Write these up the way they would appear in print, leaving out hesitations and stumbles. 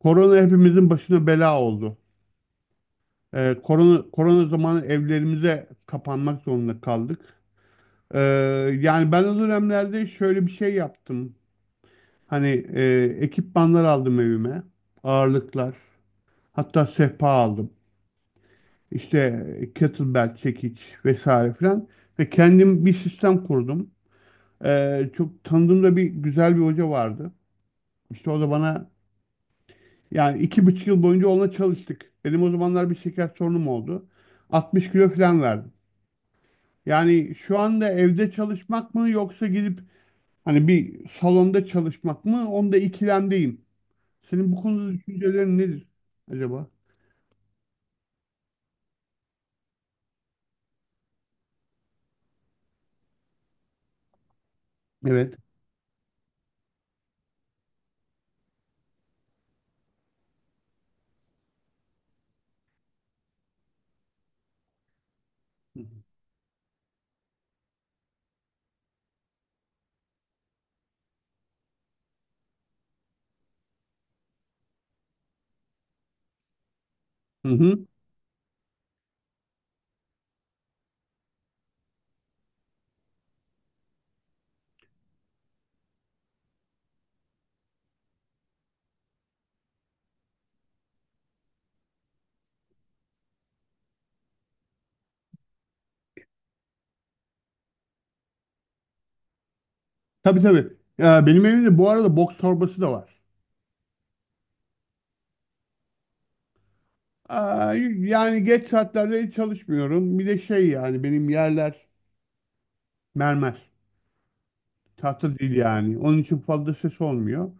Korona hepimizin başına bela oldu. Korona zamanı evlerimize kapanmak zorunda kaldık. Ee, yani ben o dönemlerde şöyle bir şey yaptım. Hani ekipmanlar aldım evime. Ağırlıklar. Hatta sehpa aldım. İşte kettlebell, çekiç vesaire filan. Ve kendim bir sistem kurdum. Çok tanıdığımda bir güzel bir hoca vardı. İşte o da bana. Yani 2,5 yıl boyunca onunla çalıştık. Benim o zamanlar bir şeker sorunum oldu. 60 kilo falan verdim. Yani şu anda evde çalışmak mı yoksa gidip hani bir salonda çalışmak mı? Onda ikilemdeyim. Senin bu konuda düşüncelerin nedir acaba? Evet. Hı hı. Tabii, tabii. Benim evimde bu arada boks torbası da var. Aa, yani geç saatlerde hiç çalışmıyorum. Bir de şey, yani benim yerler mermer. Tahta değil yani. Onun için fazla ses olmuyor.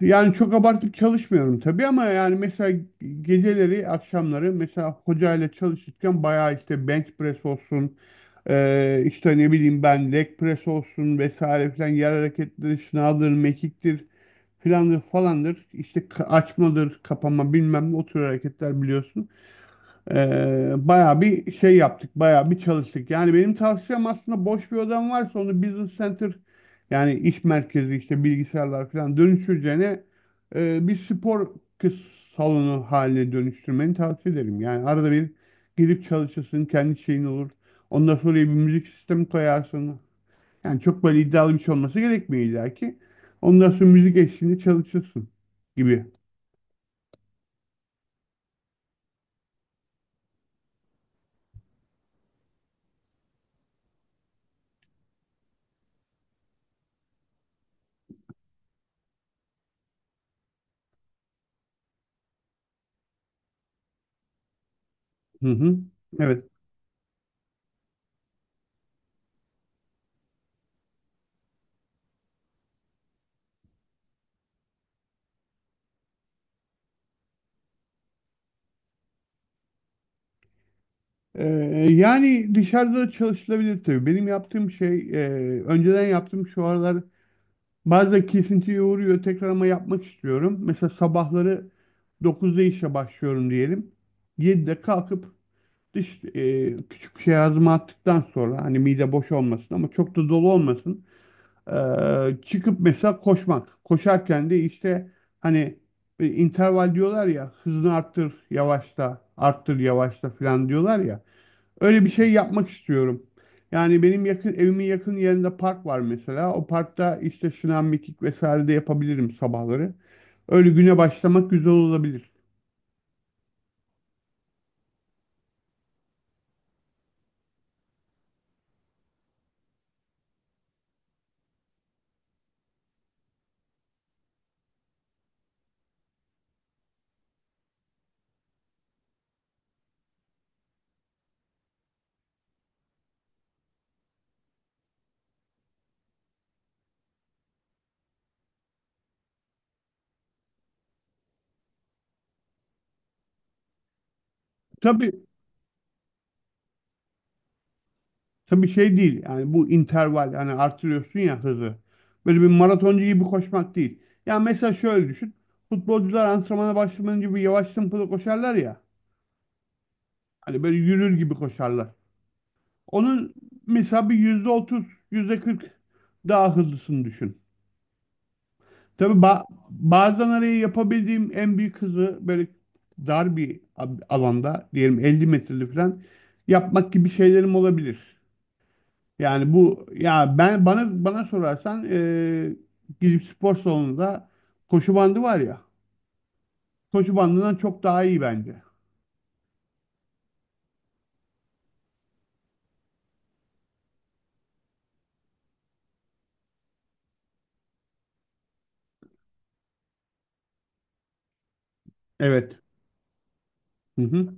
Yani çok abartıp çalışmıyorum tabii, ama yani mesela geceleri, akşamları mesela hocayla çalışırken bayağı işte bench press olsun, işte ne bileyim ben leg press olsun vesaire filan, yer hareketleri, şınavdır, mekiktir, filandır falandır, işte açmadır, kapama, bilmem ne, o tür hareketler biliyorsun. Bayağı bir şey yaptık, bayağı bir çalıştık. Yani benim tavsiyem, aslında boş bir odam varsa onu business center, yani iş merkezi, işte bilgisayarlar falan dönüştüreceğine bir spor kız salonu haline dönüştürmeni tavsiye ederim. Yani arada bir gidip çalışırsın, kendi şeyin olur. Ondan sonra bir müzik sistemi koyarsın. Yani çok böyle iddialı bir şey olması gerekmiyor illa ki. Ondan sonra müzik eşliğinde çalışırsın gibi. Hı hı. Evet. Ee, yani dışarıda da çalışılabilir tabii. Benim yaptığım şey, önceden yaptığım, şu aralar bazen kesintiye uğruyor. Tekrar ama yapmak istiyorum. Mesela sabahları 9'da işe başlıyorum diyelim. 7'de kalkıp küçük bir şey ağzıma attıktan sonra, hani mide boş olmasın ama çok da dolu olmasın, çıkıp mesela koşmak. Koşarken de işte hani interval diyorlar ya, hızını arttır, yavaşla, arttır, yavaşla falan diyorlar ya. Öyle bir şey yapmak istiyorum. Yani benim yakın, evimin yakın yerinde park var mesela. O parkta işte sınav, mekik vesaire de yapabilirim sabahları. Öyle güne başlamak güzel olabilir. Tabii, tabii şey değil. Yani bu interval, hani artırıyorsun ya hızı. Böyle bir maratoncu gibi koşmak değil. Ya mesela şöyle düşün. Futbolcular antrenmana başlamadan gibi yavaş tempolu koşarlar ya. Hani böyle yürür gibi koşarlar. Onun mesela bir %30, yüzde kırk daha hızlısını düşün. Tabii bazen araya yapabildiğim en büyük hızı, böyle dar bir alanda, diyelim 50 metreli falan yapmak gibi şeylerim olabilir. Yani bu, ya ben bana sorarsan, gidip spor salonunda koşu bandı var ya, koşu bandından çok daha iyi bence. Evet. Hı hı.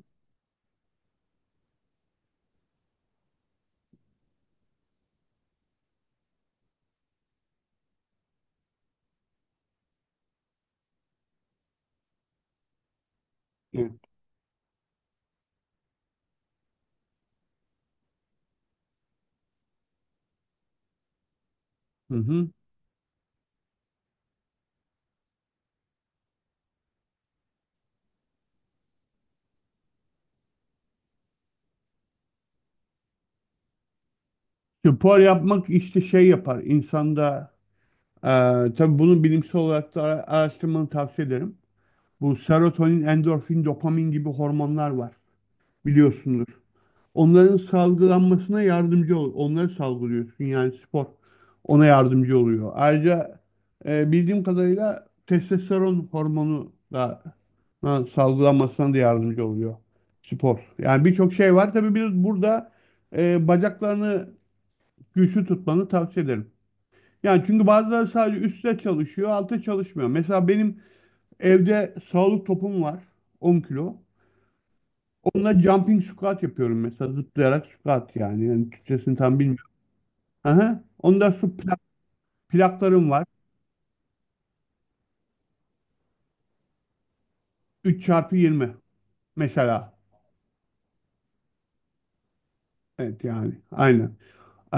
Evet. Hı hı. Spor yapmak işte şey yapar insanda, tabii bunu bilimsel olarak da araştırmanı tavsiye ederim. Bu serotonin, endorfin, dopamin gibi hormonlar var biliyorsunuz. Onların salgılanmasına yardımcı ol. Onları salgılıyorsun, yani spor ona yardımcı oluyor. Ayrıca bildiğim kadarıyla testosteron hormonu da ha, salgılanmasına da yardımcı oluyor spor. Yani birçok şey var. Tabii biz burada bacaklarını güçlü tutmanı tavsiye ederim. Yani, çünkü bazıları sadece üstte çalışıyor, altta çalışmıyor. Mesela benim evde sağlık topum var, 10 kilo. Onunla jumping squat yapıyorum mesela, zıplayarak squat yani. Yani Türkçesini tam bilmiyorum. Aha. Onda su plaklarım var. 3 çarpı 20 mesela. Evet, yani aynen. Ee,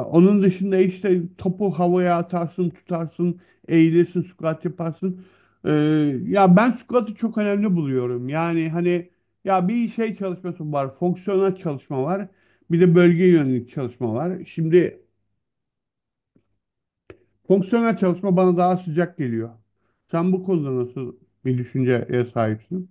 onun dışında işte topu havaya atarsın, tutarsın, eğilirsin, squat yaparsın. Ee, ya ben squat'ı çok önemli buluyorum. Yani hani, ya bir şey çalışması var, fonksiyonel çalışma var. Bir de bölge yönelik çalışma var. Şimdi fonksiyonel çalışma bana daha sıcak geliyor. Sen bu konuda nasıl bir düşünceye sahipsin?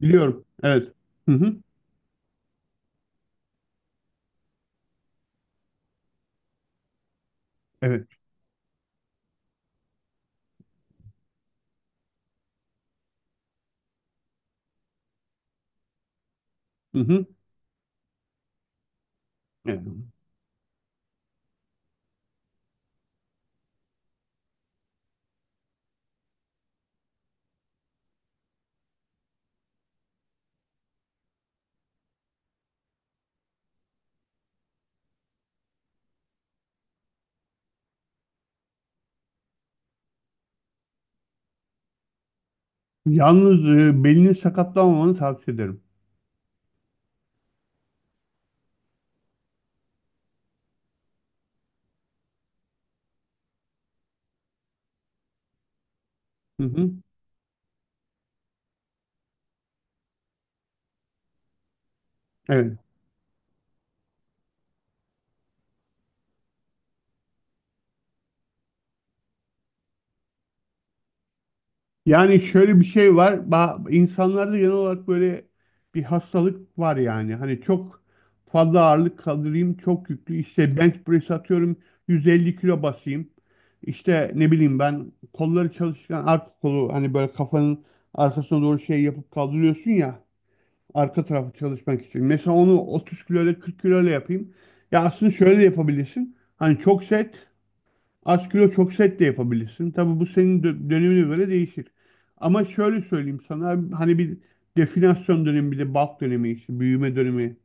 Biliyorum. Evet. Hı hı. Evet. Hı hı. Evet. Yalnız belini sakatlanmamanı tavsiye ederim. Hı hı. Evet. Yani şöyle bir şey var. İnsanlarda genel olarak böyle bir hastalık var yani. Hani çok fazla ağırlık kaldırayım, çok yüklü. İşte bench press atıyorum, 150 kilo basayım. İşte ne bileyim ben, kolları çalışırken arka kolu hani böyle kafanın arkasına doğru şey yapıp kaldırıyorsun ya, arka tarafı çalışmak için. Mesela onu 30 kilo ile, 40 kilo ile yapayım. Ya aslında şöyle de yapabilirsin, hani çok set, az kilo çok set de yapabilirsin. Tabii bu senin dönemine göre değişir. Ama şöyle söyleyeyim sana, hani bir definasyon dönemi, bir de bulk dönemi, işte büyüme dönemi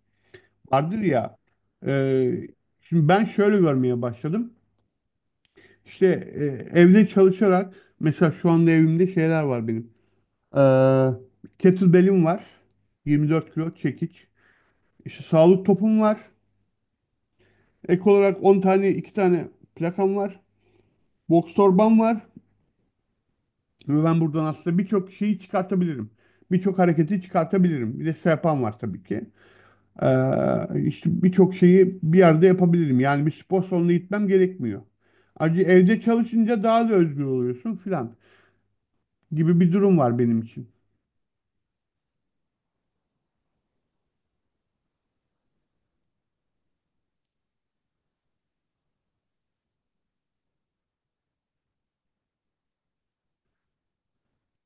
vardır ya. Ee, şimdi ben şöyle görmeye başladım. İşte e, evde çalışarak, mesela şu anda evimde şeyler var benim. Kettlebell'im var. 24 kilo çekiç. İşte sağlık topum var. Ek olarak 10 tane, 2 tane plakam var. Boks torbam var. Ve ben buradan aslında birçok şeyi çıkartabilirim. Birçok hareketi çıkartabilirim. Bir de yapan var tabii ki. İşte birçok şeyi bir yerde yapabilirim. Yani bir spor salonuna gitmem gerekmiyor. Ayrıca evde çalışınca daha da özgür oluyorsun filan gibi bir durum var benim için.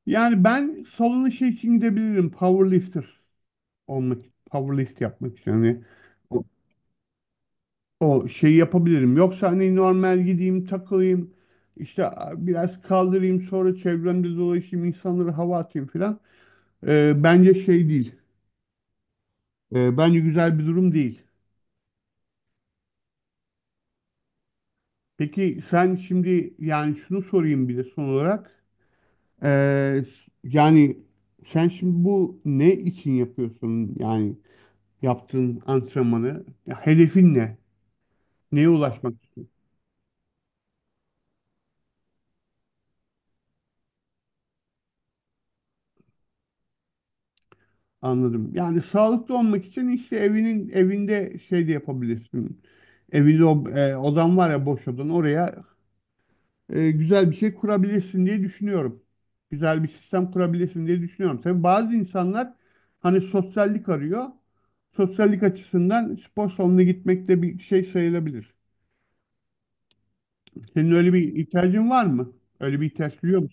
Yani ben salona şey için gidebilirim: powerlifter olmak, powerlift yapmak için. Hani o şeyi yapabilirim. Yoksa hani normal gideyim, takılayım işte, biraz kaldırayım, sonra çevremde dolaşayım, insanlara hava atayım filan. Bence şey değil. Bence güzel bir durum değil. Peki sen şimdi, yani şunu sorayım bir de son olarak, Ee, yani sen şimdi bu ne için yapıyorsun, yani yaptığın antrenmanı? Ya hedefin ne? Neye ulaşmak? Anladım. Yani sağlıklı olmak için işte evinde şey de yapabilirsin. Evinde odan var ya, boş odan, oraya güzel bir şey kurabilirsin diye düşünüyorum. Güzel bir sistem kurabilirsin diye düşünüyorum. Tabii bazı insanlar hani sosyallik arıyor. Sosyallik açısından spor salonuna gitmek de bir şey sayılabilir. Senin öyle bir ihtiyacın var mı? Öyle bir ihtiyaç duyuyor